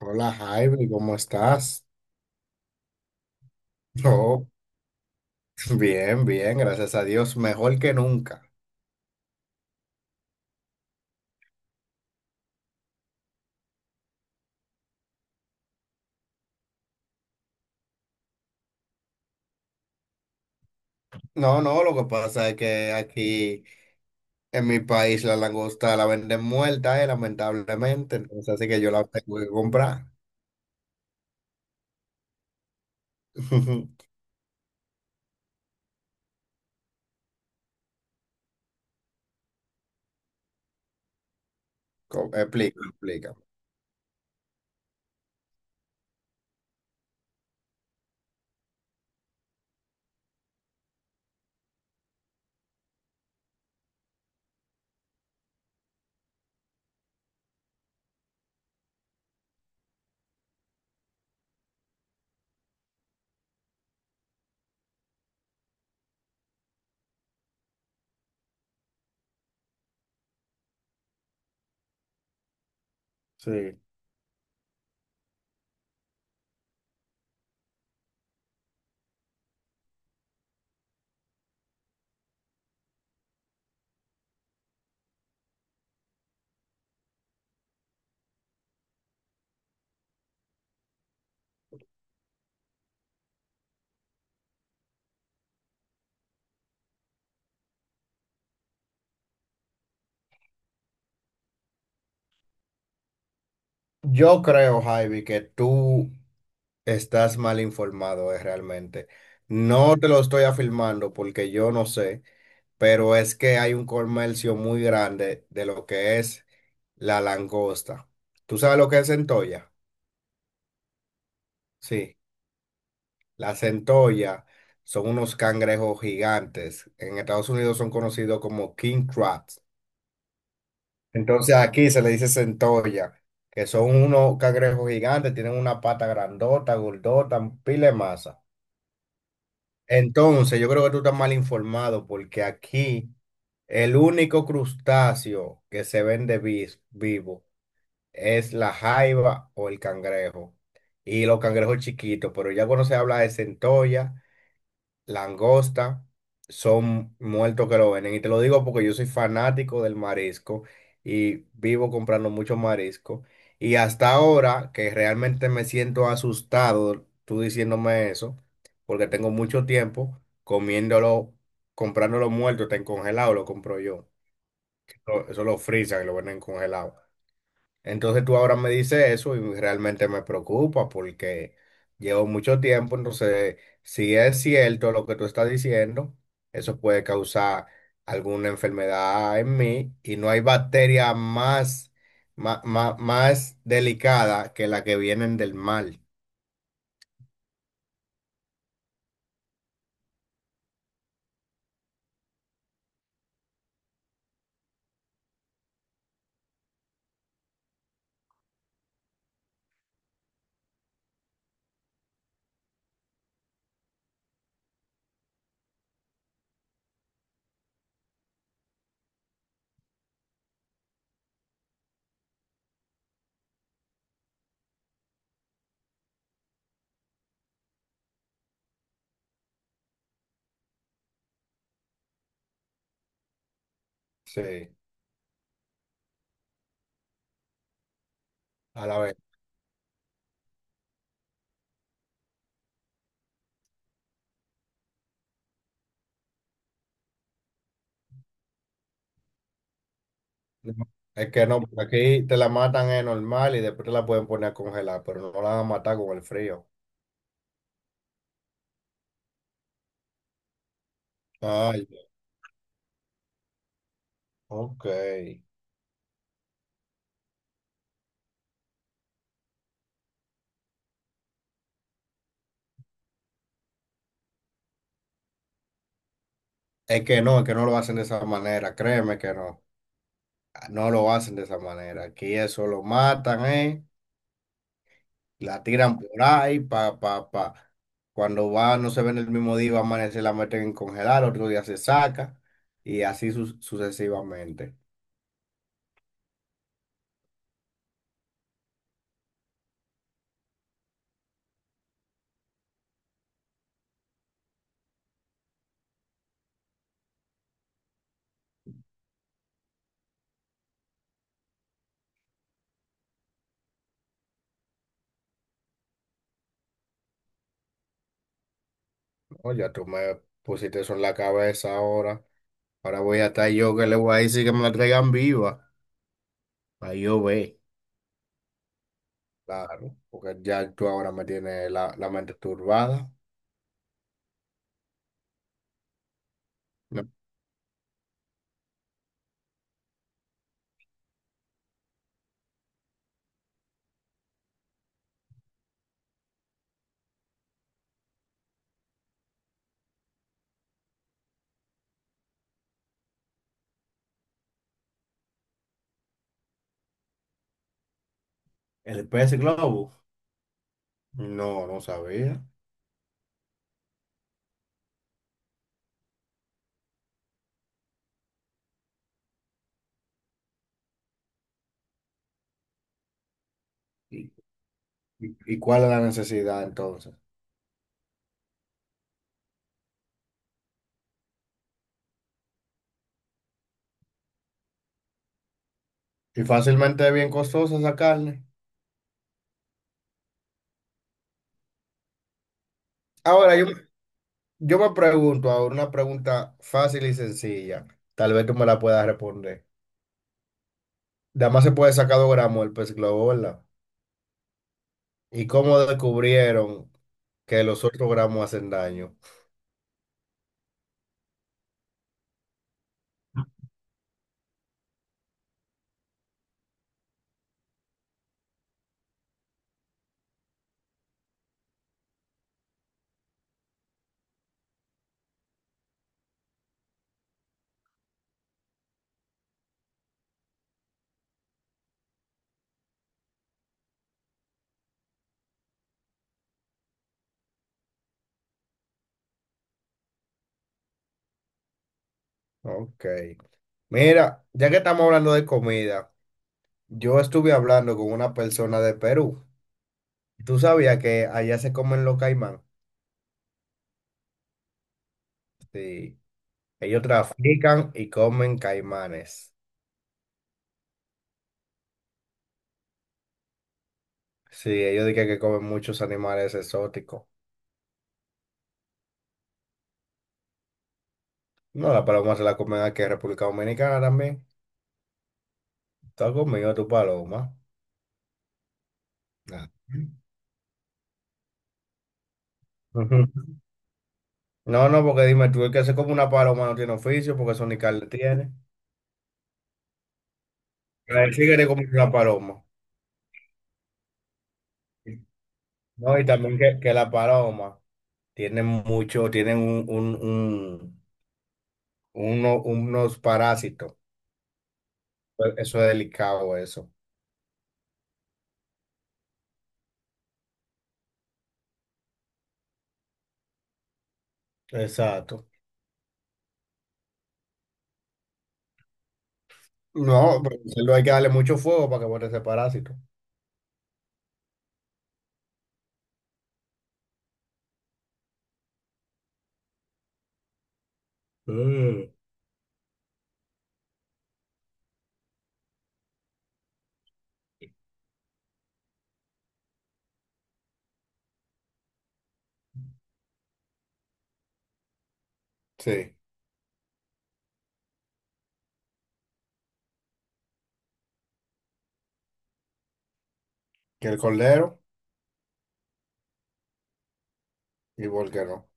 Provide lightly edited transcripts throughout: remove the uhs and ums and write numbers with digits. Hola Javi, ¿cómo estás? No, bien, bien, gracias a Dios, mejor que nunca. No, no, lo que pasa es que aquí en mi país la langosta la venden muerta, lamentablemente, entonces así que yo la tengo que comprar. Explica, explica. Sí. Yo creo, Javi, que tú estás mal informado, realmente. No te lo estoy afirmando porque yo no sé, pero es que hay un comercio muy grande de lo que es. La langosta. ¿Tú sabes lo que es centolla? Sí, la centolla son unos cangrejos gigantes. En Estados Unidos son conocidos como king crabs. Entonces aquí se le dice centolla, que son unos cangrejos gigantes, tienen una pata grandota, gordota, pile de masa. Entonces yo creo que tú estás mal informado porque aquí el único crustáceo que se vende vivo es la jaiba o el cangrejo. Y los cangrejos chiquitos, pero ya cuando se habla de centolla, langosta, son muertos que lo venden. Y te lo digo porque yo soy fanático del marisco y vivo comprando mucho marisco. Y hasta ahora que realmente me siento asustado, tú diciéndome eso, porque tengo mucho tiempo comiéndolo, comprándolo muerto, está en congelado, lo compro yo. Eso lo frisan y lo venden congelado. Entonces tú ahora me dices eso y realmente me preocupa porque llevo mucho tiempo, entonces si es cierto lo que tú estás diciendo, eso puede causar alguna enfermedad en mí y no hay bacteria más, más, delicada que la que vienen del mal. Sí, a la vez. Es que no, porque aquí te la matan es normal y después te la pueden poner a congelar, pero no la van a matar con el frío. Ay, ok. Es que no lo hacen de esa manera, créeme que no, no lo hacen de esa manera. Aquí eso lo matan, ¿eh? La tiran por ahí, pa, pa, pa. Cuando va, no se ven el mismo día, va a amanecer, la meten en congelar, otro día se saca y así sucesivamente. No, ya tú me pusiste eso en la cabeza ahora. Ahora voy a estar yo que le voy a decir que me la traigan viva. Ahí yo ve, claro, porque ya tú ahora me tienes la mente turbada. ¿No? El pez globo. No, no sabía. Sí. Y cuál es la necesidad entonces? Y fácilmente es bien costosa esa carne. Ahora, yo me pregunto ahora una pregunta fácil y sencilla. Tal vez tú me la puedas responder. Además se puede sacar 2 gramos el pez globo, ¿verdad? ¿Y cómo descubrieron que los otros gramos hacen daño? Ok. Mira, ya que estamos hablando de comida, yo estuve hablando con una persona de Perú. ¿Tú sabías que allá se comen los caimán? Sí. Ellos trafican y comen caimanes. Sí, ellos dicen que comen muchos animales exóticos. No, la paloma se la comen aquí en República Dominicana también. Está conmigo tu paloma. Ah. Ujú. No, no, porque dime tú, el que se come una paloma no tiene oficio porque eso ni carne tiene. Pero sí que le comen una paloma. No, y también que, la paloma tienen mucho, tienen unos parásitos. Eso es delicado, eso. Exacto. No, pero solo hay que darle mucho fuego para que bote ese parásito. Mm. Sí, que el cordero. ¿Y por qué no?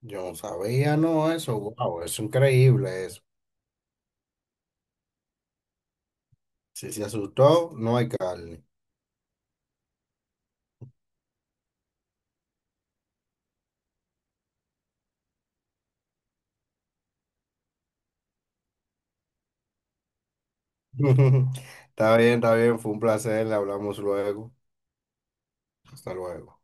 Yo no sabía, no, eso, wow, es increíble eso. Si se asustó, no hay carne. Está bien, fue un placer, le hablamos luego. Hasta luego.